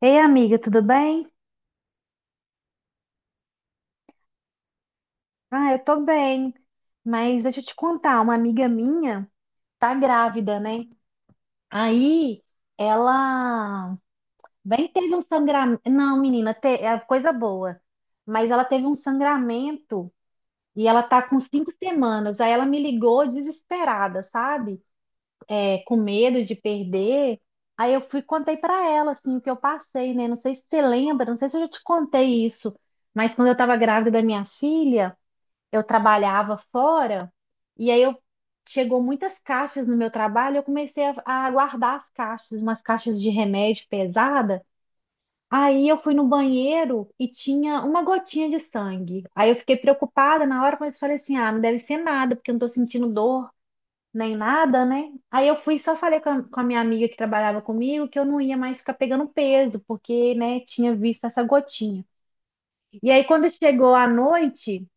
Ei, amiga, tudo bem? Ah, eu tô bem. Mas deixa eu te contar, uma amiga minha tá grávida, né? Aí ela bem teve um sangramento. Não, menina, é coisa boa. Mas ela teve um sangramento e ela tá com 5 semanas. Aí ela me ligou desesperada, sabe? É, com medo de perder. Aí eu fui e contei pra ela assim o que eu passei, né? Não sei se você lembra, não sei se eu já te contei isso, mas quando eu tava grávida da minha filha, eu trabalhava fora e aí eu chegou muitas caixas no meu trabalho. Eu comecei a guardar as caixas, umas caixas de remédio pesada. Aí eu fui no banheiro e tinha uma gotinha de sangue. Aí eu fiquei preocupada na hora, mas falei assim: ah, não deve ser nada, porque eu não tô sentindo dor nem nada, né? Aí eu fui e só falei com a minha amiga que trabalhava comigo que eu não ia mais ficar pegando peso, porque, né, tinha visto essa gotinha. E aí quando chegou a noite,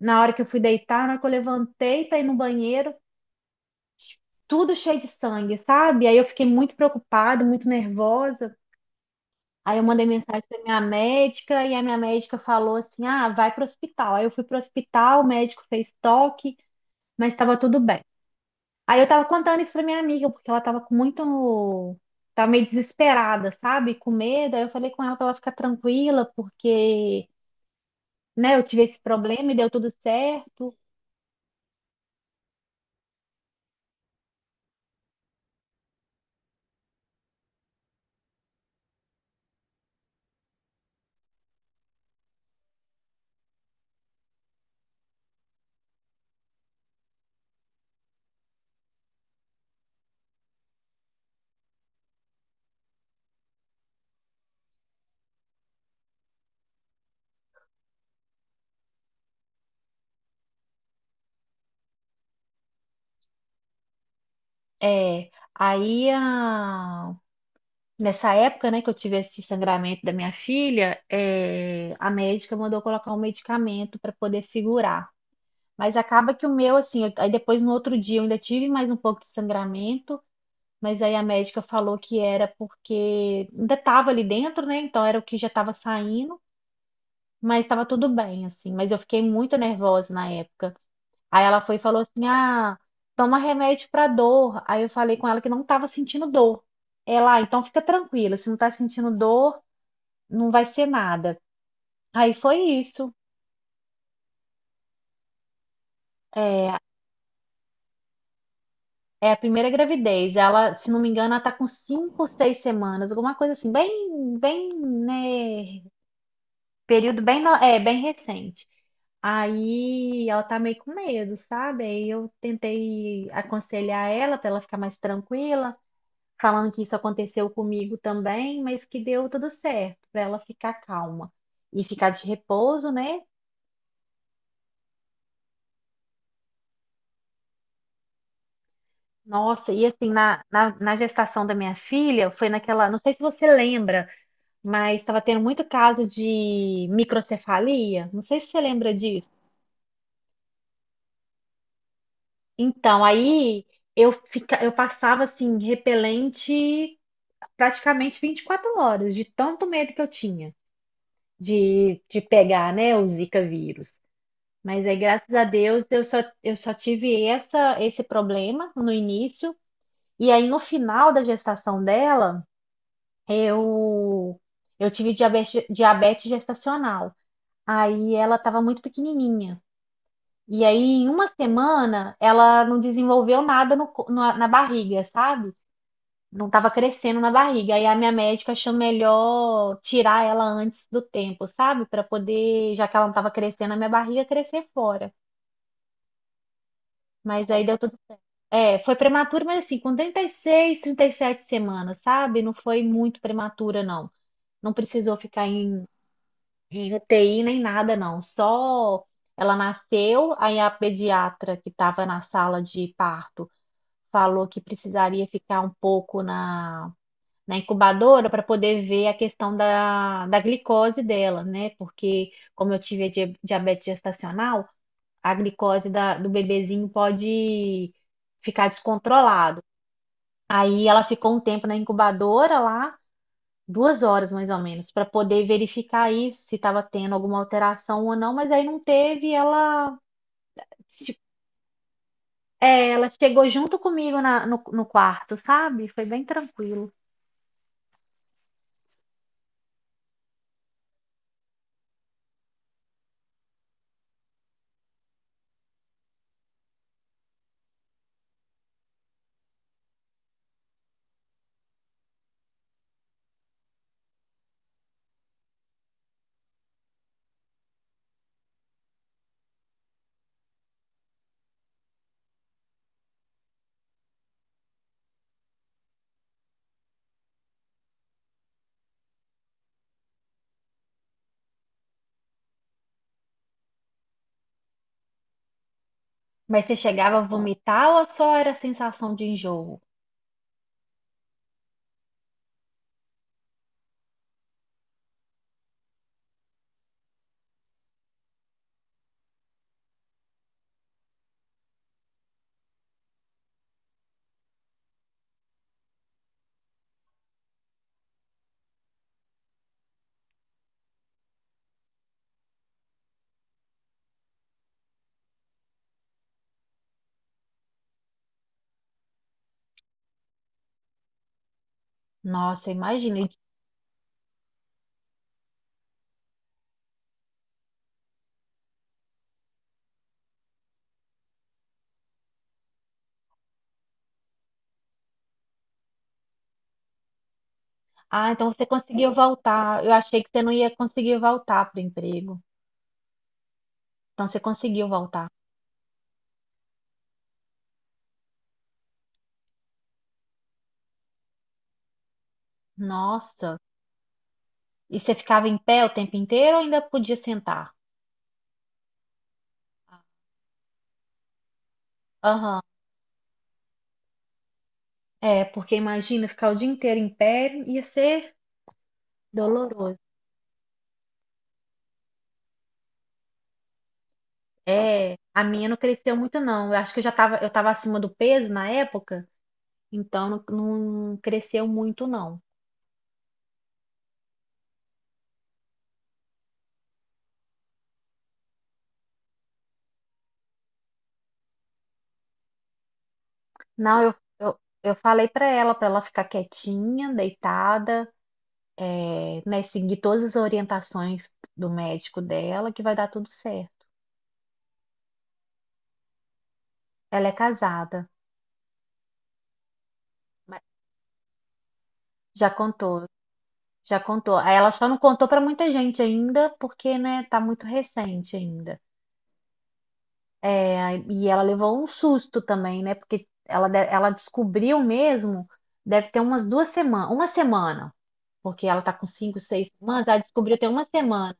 na hora que eu fui deitar, na hora que eu levantei para ir no banheiro, tudo cheio de sangue, sabe? Aí eu fiquei muito preocupada, muito nervosa. Aí eu mandei mensagem para minha médica e a minha médica falou assim: "Ah, vai pro hospital". Aí eu fui pro hospital, o médico fez toque, mas estava tudo bem. Aí eu tava contando isso para minha amiga, porque ela tava com muito tava meio desesperada, sabe? Com medo. Aí eu falei com ela para ela ficar tranquila, porque, né, eu tive esse problema e deu tudo certo. É, aí a nessa época, né, que eu tive esse sangramento da minha filha, a médica mandou colocar um medicamento para poder segurar. Mas acaba que o meu, assim, aí depois no outro dia eu ainda tive mais um pouco de sangramento, mas aí a médica falou que era porque ainda estava ali dentro, né? Então era o que já estava saindo, mas estava tudo bem, assim. Mas eu fiquei muito nervosa na época. Aí ela foi e falou assim: ah, toma remédio para dor. Aí eu falei com ela que não estava sentindo dor. Ela, "Ah, então fica tranquila, se não está sentindo dor não vai ser nada". Aí foi isso. É, é a primeira gravidez. Ela, se não me engano, ela tá com 5, 6 semanas, alguma coisa assim, bem, bem, né? Período bem, bem recente. Aí ela tá meio com medo, sabe? Aí eu tentei aconselhar ela para ela ficar mais tranquila, falando que isso aconteceu comigo também, mas que deu tudo certo, para ela ficar calma e ficar de repouso, né? Nossa, e assim, na gestação da minha filha, foi naquela. Não sei se você lembra, mas estava tendo muito caso de microcefalia. Não sei se você lembra disso. Então, aí eu passava assim, repelente praticamente 24 horas, de tanto medo que eu tinha de pegar, né, o Zika vírus. Mas aí, graças a Deus, eu só tive esse problema no início. E aí, no final da gestação dela, Eu, eu tive diabetes, diabetes gestacional. Aí ela estava muito pequenininha. E aí, em uma semana, ela não desenvolveu nada no co- na, na barriga, sabe? Não estava crescendo na barriga. Aí a minha médica achou melhor tirar ela antes do tempo, sabe? Para poder, já que ela não estava crescendo, a minha barriga crescer fora. Mas aí deu tudo. É, foi prematura, mas assim, com 36, 37 semanas, sabe? Não foi muito prematura, não. Não precisou ficar em É, TI nem nada, não. Só ela nasceu, aí a pediatra que estava na sala de parto falou que precisaria ficar um pouco na incubadora para poder ver a questão da glicose dela, né? Porque, como eu tive a diabetes gestacional, a glicose do bebezinho pode ficar descontrolado. Aí ela ficou um tempo na incubadora lá, 2 horas mais ou menos, para poder verificar isso, se estava tendo alguma alteração ou não, mas aí não teve. Ela, tipo, ela chegou junto comigo no quarto, sabe? Foi bem tranquilo. Mas você chegava a vomitar ou só era sensação de enjoo? Nossa, imagina. Ah, então você conseguiu voltar. Eu achei que você não ia conseguir voltar para o emprego. Então você conseguiu voltar. Nossa. E você ficava em pé o tempo inteiro ou ainda podia sentar? Aham. É, porque imagina ficar o dia inteiro em pé, ia ser doloroso. É, a minha não cresceu muito não. Eu acho que eu tava acima do peso na época, então não, não cresceu muito não. Não, eu falei pra ela ficar quietinha, deitada, né, seguir todas as orientações do médico dela, que vai dar tudo certo. Ela é casada, mas já contou, já contou. Ela só não contou pra muita gente ainda, porque, né, tá muito recente ainda. E ela levou um susto também, né? Porque ela, ela descobriu mesmo, deve ter umas 2 semanas, uma semana, porque ela tá com 5, 6 semanas, ela descobriu tem uma semana.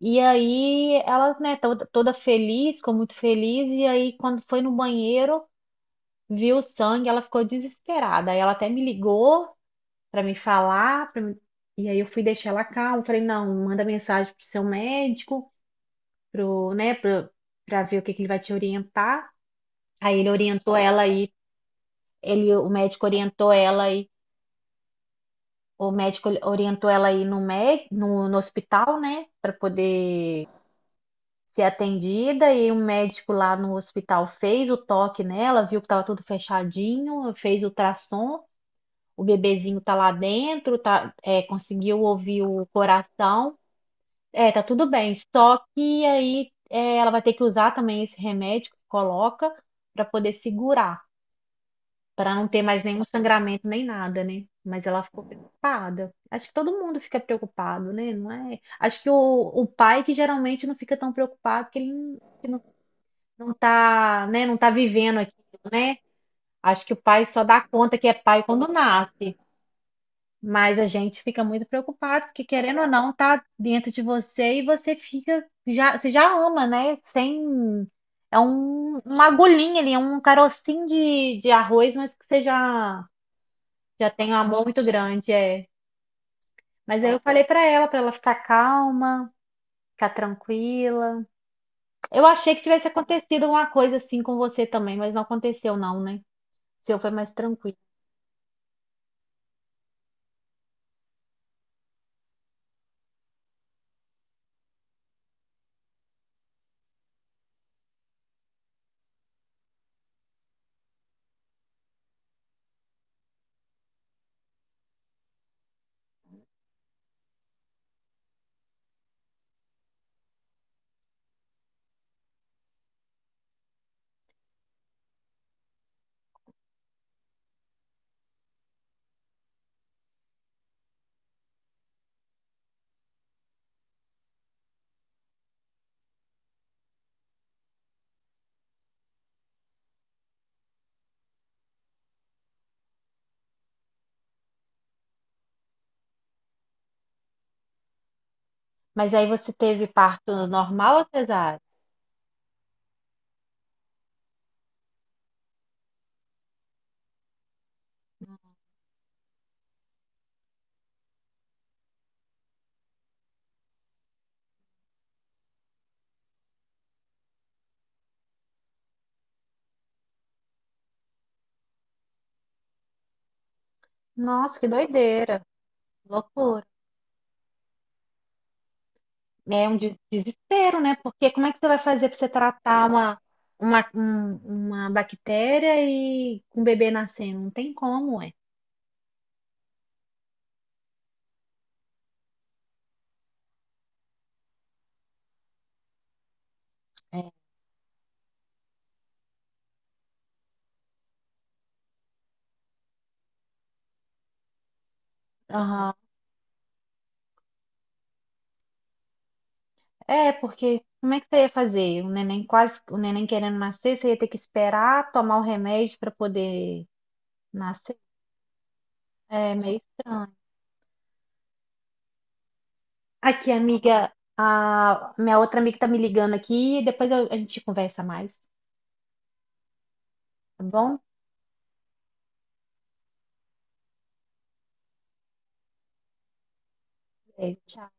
E aí ela, né, toda feliz, ficou muito feliz, e aí quando foi no banheiro, viu o sangue, ela ficou desesperada. Aí ela até me ligou pra me falar, e aí eu fui deixar ela calma, falei, não, manda mensagem pro seu médico, pro, né, pro, pra ver o que que ele vai te orientar. Aí ele orientou ela aí, ele, o médico orientou ela aí, no, no hospital, né, para poder ser atendida. E o médico lá no hospital fez o toque nela, viu que tava tudo fechadinho, fez o ultrassom, o bebezinho tá lá dentro, tá, conseguiu ouvir o coração. É, tá tudo bem. Só que aí ela vai ter que usar também esse remédio que coloca para poder segurar, para não ter mais nenhum sangramento nem nada, né? Mas ela ficou preocupada. Acho que todo mundo fica preocupado, né? Não é? Acho que o pai que geralmente não fica tão preocupado, porque ele não não tá, né? Não tá vivendo aquilo, né? Acho que o pai só dá conta que é pai quando nasce. Mas a gente fica muito preocupado, porque querendo ou não, tá dentro de você e você fica, você já ama, né? Sem, é uma agulhinha ali, é um carocinho de arroz, mas que você já tem um amor muito grande, é. Mas aí eu falei pra ela, ficar calma, ficar tranquila. Eu achei que tivesse acontecido alguma coisa assim com você também, mas não aconteceu não, né? O seu foi mais tranquilo. Mas aí você teve parto normal ou cesárea? Nossa, que doideira, loucura. É um desespero, né? Porque como é que você vai fazer pra você tratar uma, uma, um- uma bactéria e com o bebê nascendo? Não tem como, é. É. É, porque como é que você ia fazer? O neném querendo nascer, você ia ter que esperar tomar o remédio para poder nascer? É meio estranho. Aqui, amiga, a minha outra amiga tá me ligando aqui e depois a gente conversa mais, tá bom? É, tchau.